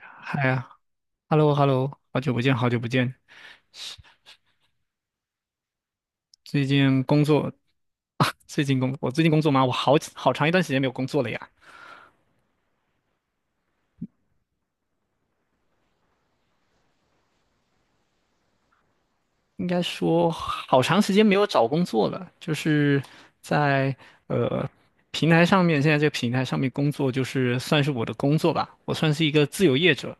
嗨呀，hello，hello，好久不见，好久不见。最近工作，啊最近工，我最近工作忙，我好长一段时间没有工作了呀。应该说，好长时间没有找工作了，就是在平台上面，现在这个平台上面工作，就是算是我的工作吧。我算是一个自由业者，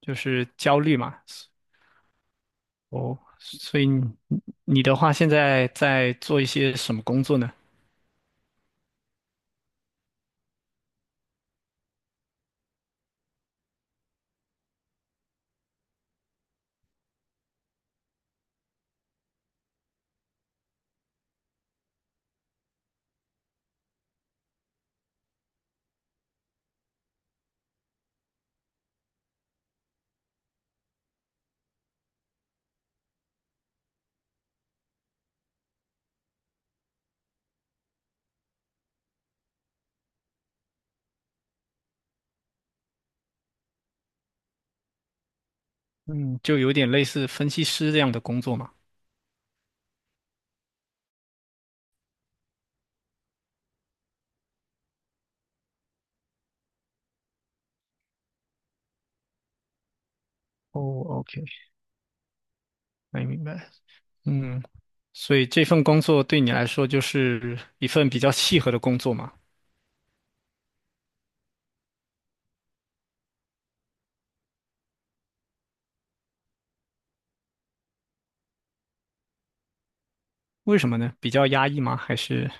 就是焦虑嘛。哦，所以你的话，现在在做一些什么工作呢？嗯，就有点类似分析师这样的工作嘛。哦，OK，没明白。嗯，所以这份工作对你来说就是一份比较契合的工作嘛？为什么呢？比较压抑吗？还是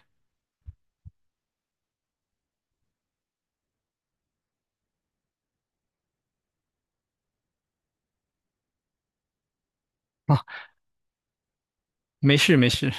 啊，没事没事，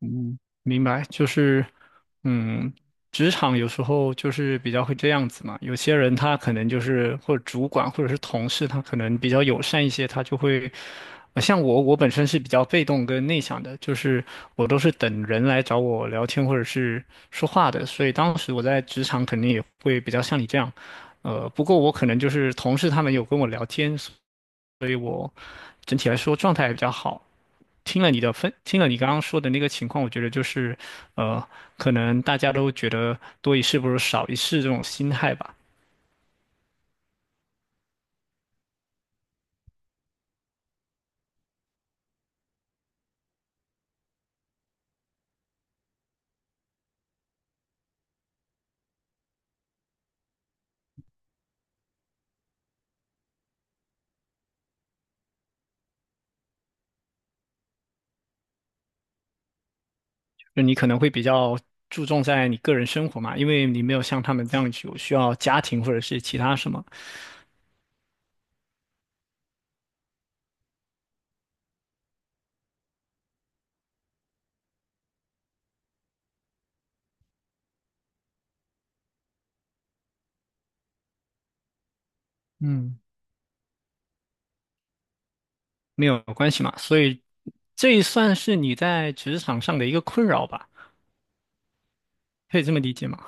嗯，明白，就是，嗯，职场有时候就是比较会这样子嘛。有些人他可能就是，或者主管或者是同事，他可能比较友善一些，他就会，像我，我本身是比较被动跟内向的，就是我都是等人来找我聊天或者是说话的，所以当时我在职场肯定也会比较像你这样，不过我可能就是同事他们有跟我聊天，整体来说状态也比较好。听了你刚刚说的那个情况，我觉得就是，呃，可能大家都觉得多一事不如少一事这种心态吧。就你可能会比较注重在你个人生活嘛，因为你没有像他们这样有需要家庭或者是其他什么，嗯没有关系嘛。所以这也算是你在职场上的一个困扰吧，可以这么理解吗？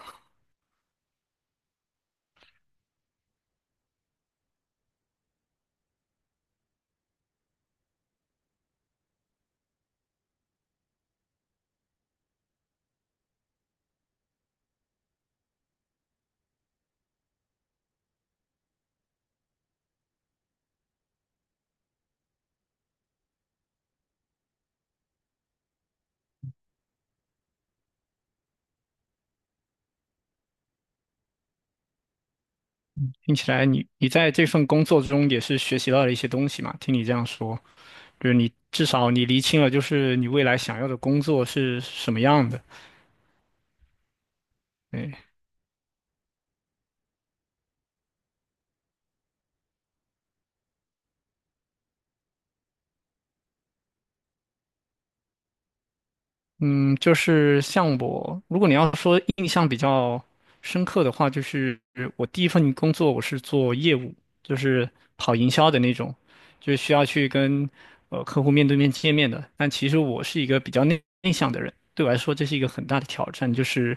听起来你在这份工作中也是学习到了一些东西嘛，听你这样说。就是你至少你厘清了，就是你未来想要的工作是什么样的。对，嗯，就是像我，如果你要说印象比较深刻的话，就是我第一份工作我是做业务，就是跑营销的那种，就是需要去跟客户面对面见面的。但其实我是一个比较内向的人，对我来说这是一个很大的挑战，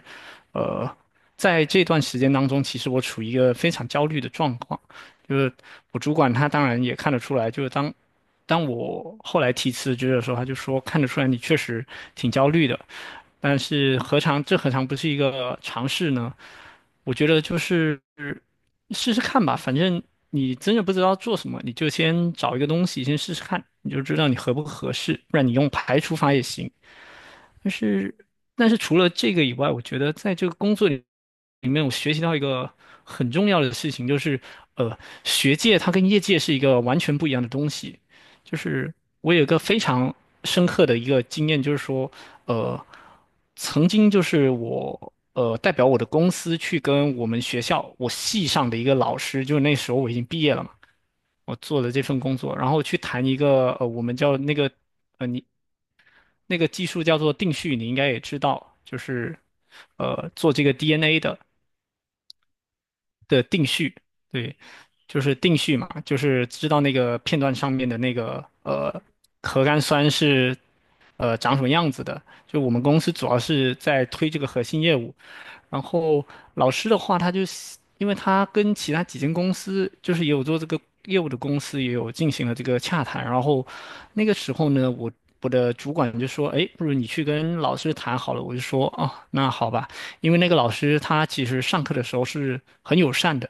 呃。在这段时间当中，其实我处于一个非常焦虑的状况，就是我主管他当然也看得出来，就是当我后来提辞职的时候，他就说看得出来你确实挺焦虑的，但是何尝不是一个尝试呢？我觉得就是试试看吧，反正你真的不知道做什么，你就先找一个东西先试试看，你就知道你合不合适，不然你用排除法也行。但是，但是除了这个以外，我觉得在这个工作里面，我学习到一个很重要的事情，就是呃，学界它跟业界是一个完全不一样的东西。就是我有一个非常深刻的一个经验，就是说，呃，曾经就是我代表我的公司去跟我们学校我系上的一个老师，就是那时候我已经毕业了嘛，我做了这份工作，然后去谈一个我们叫那个技术叫做定序，你应该也知道，就是做这个 DNA 的。的定序，对，就是定序嘛，就是知道那个片段上面的那个核苷酸是长什么样子的。就我们公司主要是在推这个核心业务，然后老师的话，他就是因为他跟其他几间公司，就是也有做这个业务的公司也有进行了这个洽谈，然后那个时候呢，我的主管就说，哎，不如你去跟老师谈好了，我就说，哦，那好吧。因为那个老师他其实上课的时候是很友善的，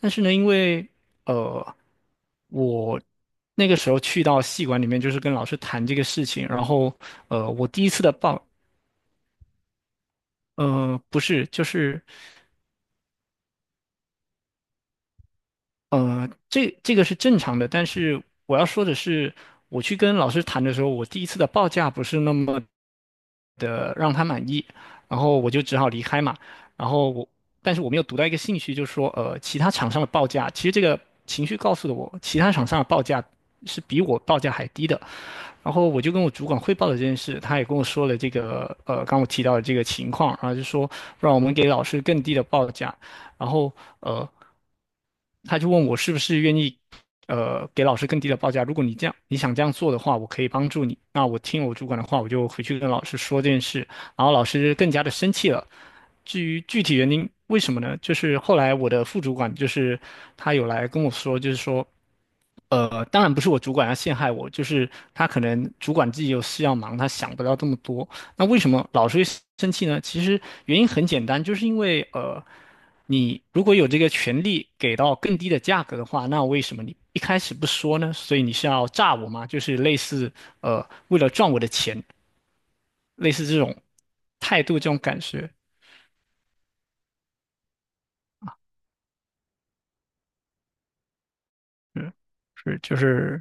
但是呢，因为呃我那个时候去到系馆里面，就是跟老师谈这个事情，然后呃我第一次的报呃不是就是呃这这个是正常的，但是我要说的是，我去跟老师谈的时候，我第一次的报价不是那么的让他满意，然后我就只好离开嘛。然后我，但是我没有读到一个信息，就是说，其他厂商的报价，其实这个情绪告诉了我，其他厂商的报价是比我报价还低的。然后我就跟我主管汇报了这件事，他也跟我说了这个，刚我提到的这个情况，然后就说，让我们给老师更低的报价。然后呃，他就问我是不是愿意给老师更低的报价。如果你这样你想这样做的话，我可以帮助你。那我听我主管的话，我就回去跟老师说这件事，然后老师更加的生气了。至于具体原因，为什么呢？就是后来我的副主管就是他有来跟我说，就是说。当然不是我主管要陷害我，就是他可能主管自己有事要忙，他想不到这么多。那为什么老是会生气呢？其实原因很简单，就是因为你如果有这个权利给到更低的价格的话，那为什么你一开始不说呢？所以你是要诈我吗？就是类似为了赚我的钱，类似这种态度，这种感觉，嗯，是就是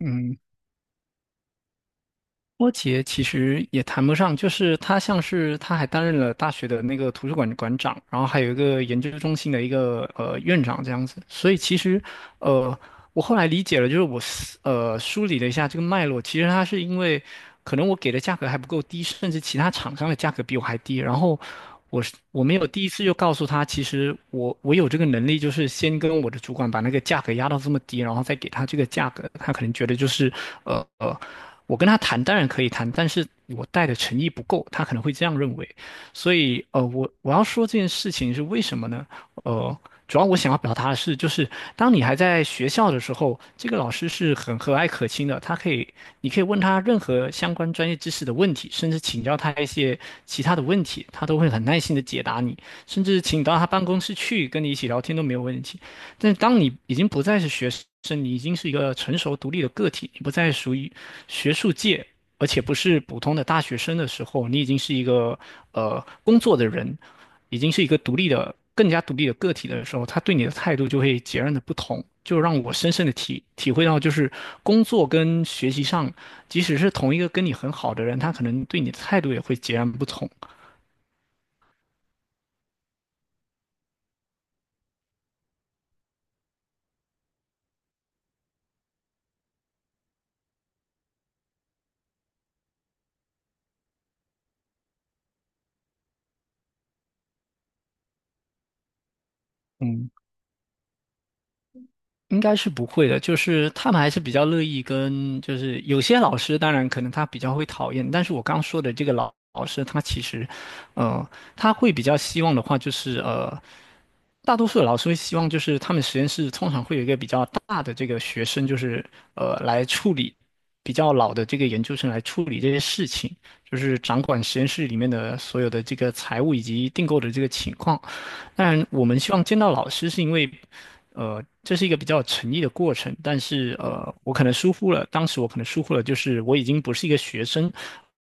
嗯。波杰其实也谈不上，就是他像是他还担任了大学的那个图书馆馆长，然后还有一个研究中心的一个院长这样子。所以其实，呃，我后来理解了，就是梳理了一下这个脉络，其实他是因为可能我给的价格还不够低，甚至其他厂商的价格比我还低，然后我没有第一次就告诉他，其实我有这个能力，就是先跟我的主管把那个价格压到这么低，然后再给他这个价格，他可能觉得就是呃呃，我跟他谈当然可以谈，但是我带的诚意不够，他可能会这样认为。所以我要说这件事情是为什么呢？呃，主要我想要表达的是，就是当你还在学校的时候，这个老师是很和蔼可亲的，他可以，你可以问他任何相关专业知识的问题，甚至请教他一些其他的问题，他都会很耐心的解答你，甚至请你到他办公室去跟你一起聊天都没有问题。但当你已经不再是学生，你已经是一个成熟独立的个体，你不再属于学术界，而且不是普通的大学生的时候，你已经是一个工作的人，已经是一个独立的、更加独立的个体的时候，他对你的态度就会截然的不同。就让我深深的体会到，就是工作跟学习上，即使是同一个跟你很好的人，他可能对你的态度也会截然不同。嗯。应该是不会的，就是他们还是比较乐意跟，就是有些老师，当然可能他比较会讨厌，但是我刚说的这个老师，他其实，呃，他会比较希望的话，就是大多数的老师会希望，就是他们实验室通常会有一个比较大的这个学生，就是来处理比较老的这个研究生来处理这些事情，就是掌管实验室里面的所有的这个财务以及订购的这个情况。当然，我们希望见到老师，是因为，这是一个比较有诚意的过程。但是，我可能疏忽了，当时我可能疏忽了，就是我已经不是一个学生，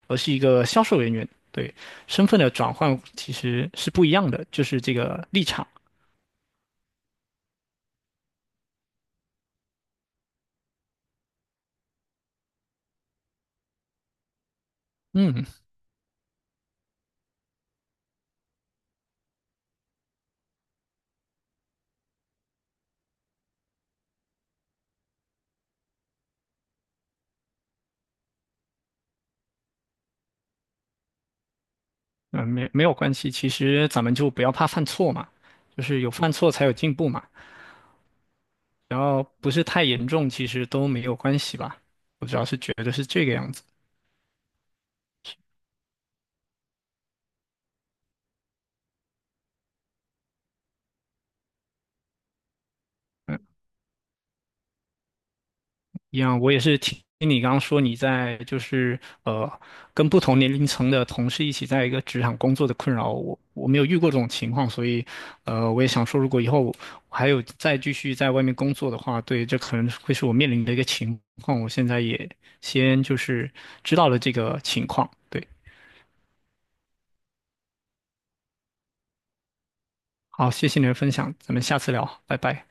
而是一个销售人员。对，身份的转换其实是不一样的，就是这个立场。嗯，没没有关系，其实咱们就不要怕犯错嘛，就是有犯错才有进步嘛。然后不是太严重，其实都没有关系吧。我主要是觉得是这个样子。嗯一样，我也是听你刚刚说你在就是呃跟不同年龄层的同事一起在一个职场工作的困扰，我没有遇过这种情况，所以我也想说，如果以后我还有再继续在外面工作的话，对，这可能会是我面临的一个情况，我现在也先就是知道了这个情况，对，好，谢谢你的分享，咱们下次聊，拜拜。